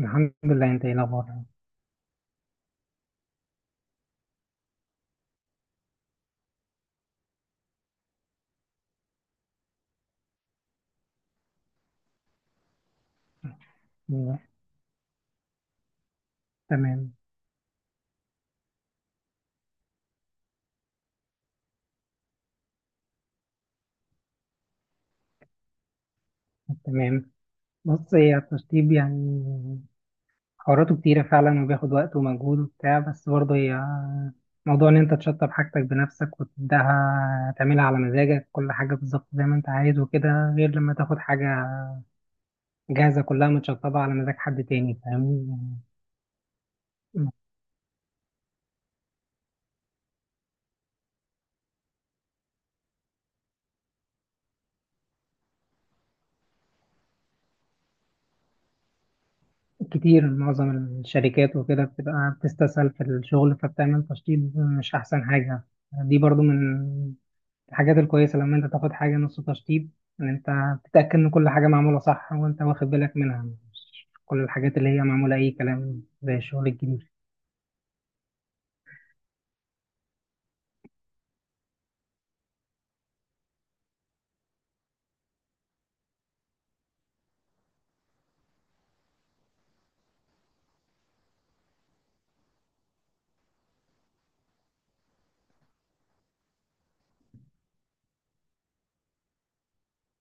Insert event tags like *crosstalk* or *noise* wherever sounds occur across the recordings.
الحمد لله، انت ايه الاخبار؟ ايوه، تمام، تمام. بص، هي التشطيب يعني حواراته كتيرة فعلا وبياخد وقت ومجهود وبتاع، بس برضه هي موضوع ان انت تشطب حاجتك بنفسك وتبدأها تعملها على مزاجك كل حاجة بالظبط زي ما انت عايز وكده، غير لما تاخد حاجة جاهزة كلها متشطبة على مزاج حد تاني، فاهمني؟ كتير معظم الشركات وكده بتبقى بتستسهل في الشغل فبتعمل تشطيب مش أحسن حاجة. دي برضو من الحاجات الكويسة لما انت تاخد حاجة نص تشطيب ان انت تتأكد ان كل حاجة معمولة صح وانت واخد بالك منها، مش كل الحاجات اللي هي معمولة اي كلام زي الشغل الجديد.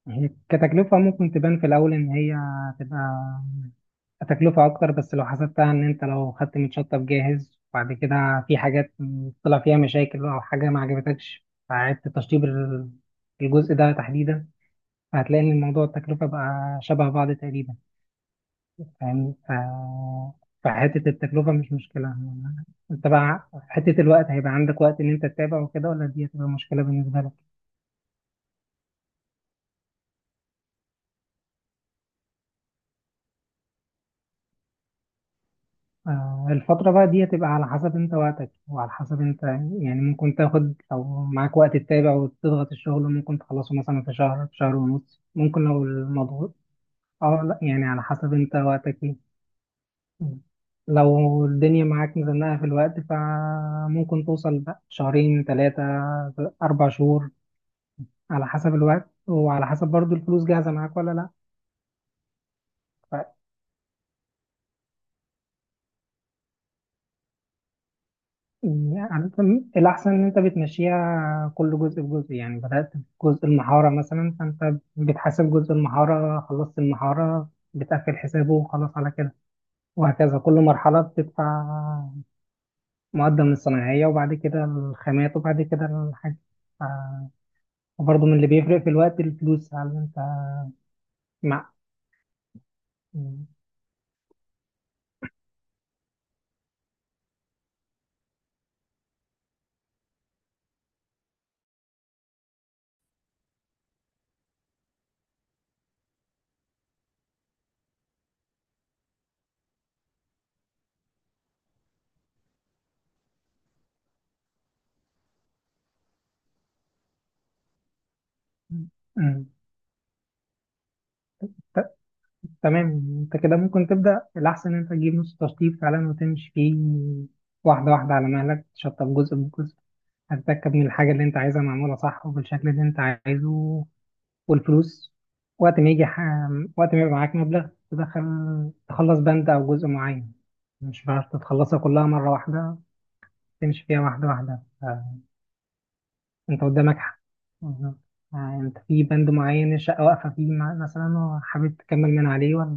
هي كتكلفة ممكن تبان في الأول إن هي تبقى تكلفة أكتر، بس لو حسبتها إن أنت لو خدت متشطب جاهز وبعد كده في حاجات طلع فيها مشاكل أو حاجة ما عجبتكش، فعدت تشطيب الجزء ده تحديدا، فهتلاقي إن الموضوع التكلفة بقى شبه بعض تقريبا. فاهم. فحتة التكلفة مش مشكلة. انت بقى في حتة الوقت هيبقى عندك وقت ان انت تتابع وكده، ولا دي هتبقى مشكلة بالنسبة لك؟ الفترة بقى دي هتبقى على حسب انت وقتك وعلى حسب انت، يعني ممكن تاخد، لو معاك وقت تتابع وتضغط الشغل ممكن تخلصه مثلا في شهر، في شهر ونص، ممكن لو الموضوع... اه، لا يعني على حسب انت وقتك ايه، لو الدنيا معاك مزنقة في الوقت فممكن توصل بقى شهرين، ثلاثة، 4 شهور، على حسب الوقت وعلى حسب برضو الفلوس جاهزة معاك ولا لا. ف الأحسن إن أنت بتمشيها كل جزء بجزء، يعني بدأت بجزء المحارة مثلا، فأنت بتحاسب جزء المحارة، خلصت المحارة بتقفل حسابه وخلاص على كده، وهكذا كل مرحلة بتدفع مقدم الصناعية وبعد كده الخامات وبعد كده الحاجة. ف- وبرضه من اللي بيفرق في الوقت الفلوس، هل أنت مع م- م- تمام. انت كده ممكن تبدأ. الأحسن ان انت تجيب نص تشطيب فعلا وتمشي فيه واحدة واحدة على مهلك، تشطب جزء بجزء، هتتأكد من الحاجة اللي انت عايزها معمولة صح وبالشكل اللي انت عايزه. والفلوس وقت ما يجي ح... وقت ما يبقى معاك مبلغ تدخل تخلص بند أو جزء معين، مش هتعرف تتخلصها كلها مرة واحدة، تمشي فيها واحدة واحدة. انت قدامك حق. بالظبط. آه، انت في بند معين الشقة واقفة فيه مثلا وحابب تكمل من عليه ولا...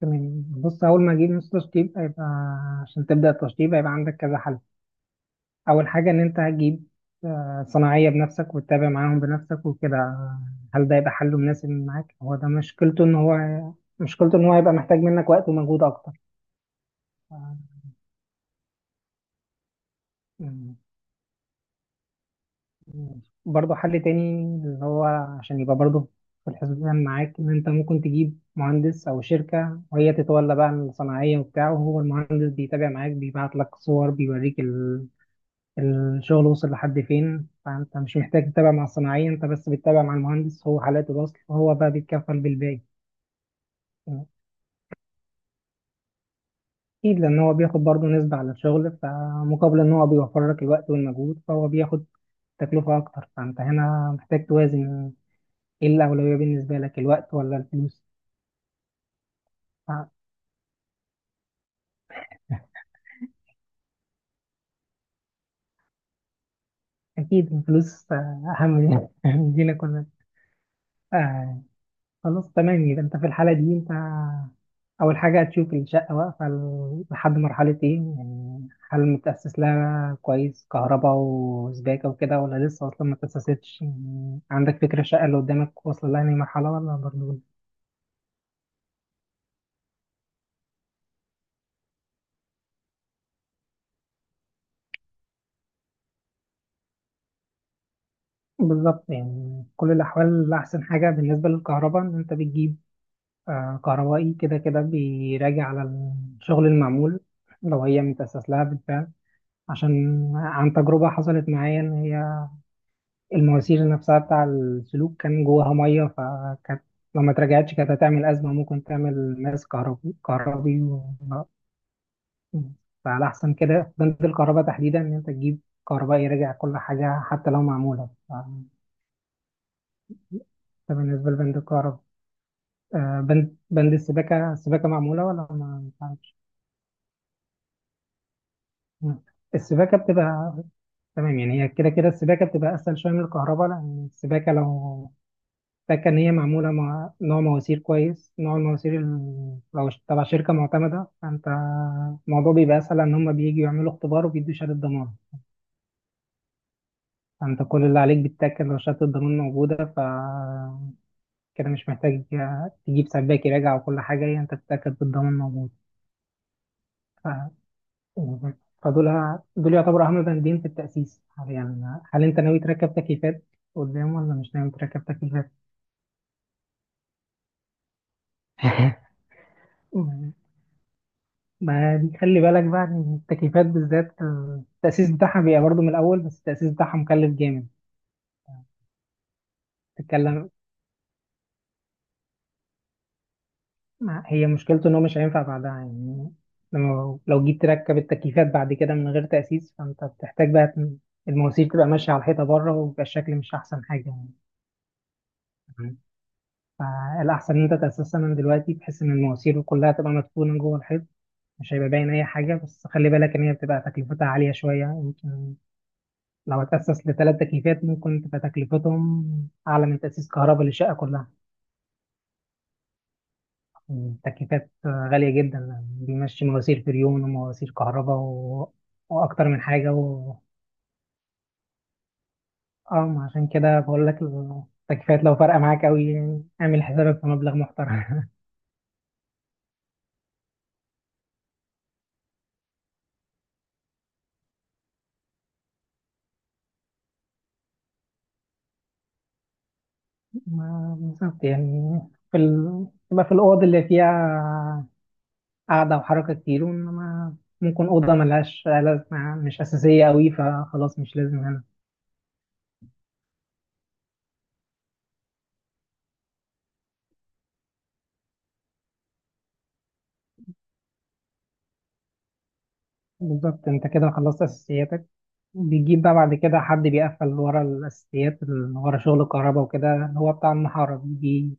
تمام، بص اول ما اجيب نص تشطيب هيبقى، عشان تبدا التشطيب هيبقى عندك كذا حل. اول حاجه ان انت هتجيب صناعيه بنفسك وتتابع معاهم بنفسك وكده. هل ده يبقى حل مناسب معاك؟ هو ده مشكلته ان هو هيبقى محتاج منك وقت ومجهود اكتر. آه، مم. برضه حل تاني، اللي هو عشان يبقى برضه في الحسبان معاك، ان انت ممكن تجيب مهندس او شركه وهي تتولى بقى الصناعيه وبتاعه، وهو المهندس بيتابع معاك بيبعت لك صور بيوريك الشغل وصل لحد فين، فانت مش محتاج تتابع مع الصناعية، انت بس بتتابع مع المهندس، هو حالات الوصل وهو بقى بيتكفل بالباقي. اكيد لان هو بياخد برضه نسبة على الشغل، فمقابل ان هو بيوفر لك الوقت والمجهود فهو بياخد تكلفة اكتر، فانت هنا محتاج توازن ايه الاولوية بالنسبة لك، الوقت ولا الفلوس. فاكيد الفلوس اهم لينا *laughs* لينا كلنا. خلاص تمام، يبقى انت في الحالة دي انت اول حاجة هتشوف الشقة واقفة لحد مرحلة ايه، يعني هل متأسس لها كويس كهرباء وسباكة وكده، ولا لسه اصلا ما تأسستش، يعني عندك فكرة الشقة اللي قدامك واصلة لها اي مرحلة ولا برضه... بالظبط، يعني في كل الاحوال احسن حاجة بالنسبة للكهرباء ان انت بتجيب كهربائي كده كده بيراجع على الشغل المعمول، لو هي متأسس لها بالفعل، عشان عن تجربة حصلت معايا ان هي المواسير نفسها بتاع السلوك كان جواها ميه، فكانت لما اترجعتش كانت هتعمل ازمه، ممكن تعمل ناس كهربي كهربي و... فعلى احسن كده بند الكهرباء تحديدا ان انت تجيب كهرباء يرجع كل حاجه حتى لو معموله. ده بالنسبه لبند الكهرباء. بند السباكه. السباكه معموله ولا ما تعرفش؟ السباكه بتبقى... تمام، يعني هي كده كده السباكه بتبقى اسهل شويه من الكهرباء، لان السباكه لو فاكر إن هي معمولة مع نوع مواسير كويس، نوع المواسير لو تبع شركة معتمدة، فأنت الموضوع بيبقى أسهل إن هما بييجوا يعملوا اختبار وبيدوا شهادة ضمان. فأنت كل اللي عليك بتتأكد لو شهادة الضمان موجودة، ف كده مش محتاج تجيب سباك يراجع وكل حاجة، هي أنت بتتأكد بالضمان موجود. ف... فدول يعتبروا أهم بندين في التأسيس حاليا. هل أنت ناوي تركب تكييفات قدام ولا مش ناوي تركب تكييفات؟ *laughs* ما دي خلي بالك بقى ان التكييفات بالذات التأسيس بتاعها بيبقى برضه من الأول، بس التأسيس بتاعها مكلف جامد. تتكلم. هي مشكلته إن هو مش هينفع بعدها يعني. لو جيت تركب التكييفات بعد كده من غير تأسيس فأنت بتحتاج بقى المواسير تبقى ماشية على الحيطة بره ويبقى الشكل مش أحسن حاجة يعني. تمام. فالأحسن إن أنت تأسسها من دلوقتي بحيث إن المواسير كلها تبقى مدفونة جوه الحيط، مش هيبقى باين أي حاجة، بس خلي بالك إن هي بتبقى تكلفتها عالية شوية، يمكن لو اتأسس ل3 تكليفات ممكن تبقى تكلفتهم أعلى من تأسيس كهرباء للشقة كلها. التكليفات غالية جدا، بيمشي مواسير فريون ومواسير كهرباء و... وأكتر من حاجة و... اه، ما عشان كده بقول لك، التكليفات لو فارقة معاك أوي يعني اعمل حسابك في مبلغ محترم. *laughs* ما بالظبط يعني، تبقى في الأوض اللي فيها قعدة وحركة كتير، وإنما ممكن أوضة ملهاش لازمة مش أساسية أوي فخلاص مش لازم. بالظبط، انت كده خلصت اساسياتك، بيجيب بقى بعد كده حد بيقفل ورا الاساسيات اللي ورا شغل الكهرباء وكده، اللي هو بتاع المحاره، بيجي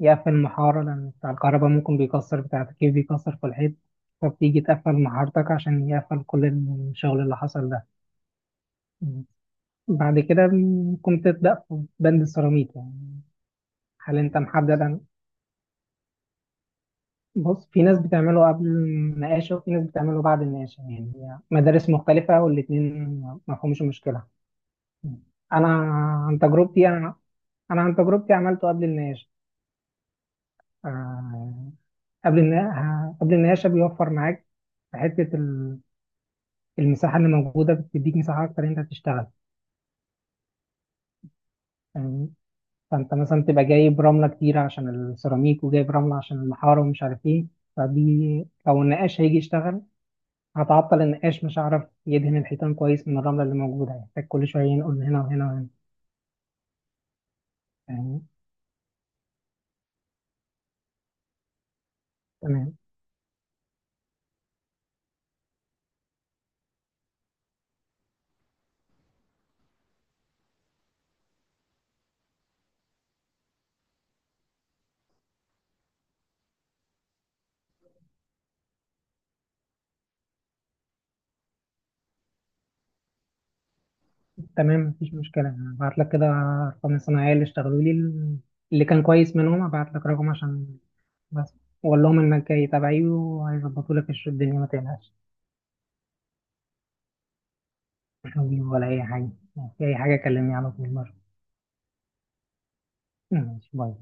يقفل المحاره لان بتاع الكهرباء ممكن بيكسر، بتاع التكييف بيكسر في الحيط، فبتيجي تقفل محارتك عشان يقفل كل الشغل اللي حصل ده. بعد كده ممكن تبدأ في بند السيراميك. يعني هل انت محدد بص، في ناس بتعمله قبل النقاشة وفي ناس بتعمله بعد النقاشة، يعني مدارس مختلفة والاتنين مفهومش المشكلة. انا عن تجربتي انا انا عن تجربتي عملته قبل النقاش. آه، قبل النقاش قبل النقاش بيوفر معاك في حته المساحه اللي موجوده، بتديك مساحه اكتر إن انت تشتغل يعني. فانت مثلا تبقى جايب رمله كتير عشان السيراميك وجايب رمله عشان الحاره ومش عارف ايه، فدي لو النقاش هيجي يشتغل هتعطل النقاش، مش هعرف يدهن الحيطان كويس من الرمله اللي موجوده، هيحتاج كل شويه نقول هنا وهنا وهنا يعني. تمام. تمام، مفيش مشكلة، هبعت لك كده أرقام الصناعية اللي اشتغلوا لي، اللي كان كويس منهم هبعت لك رقم عشان، بس وأقول لهم إنك جاي تبعي، وهيظبطوا لك الدنيا ما تقلقش. *laughs* مش هجيب ولا أي حاجة، في أي حاجة كلمني على طول مرة. ماشي، باي.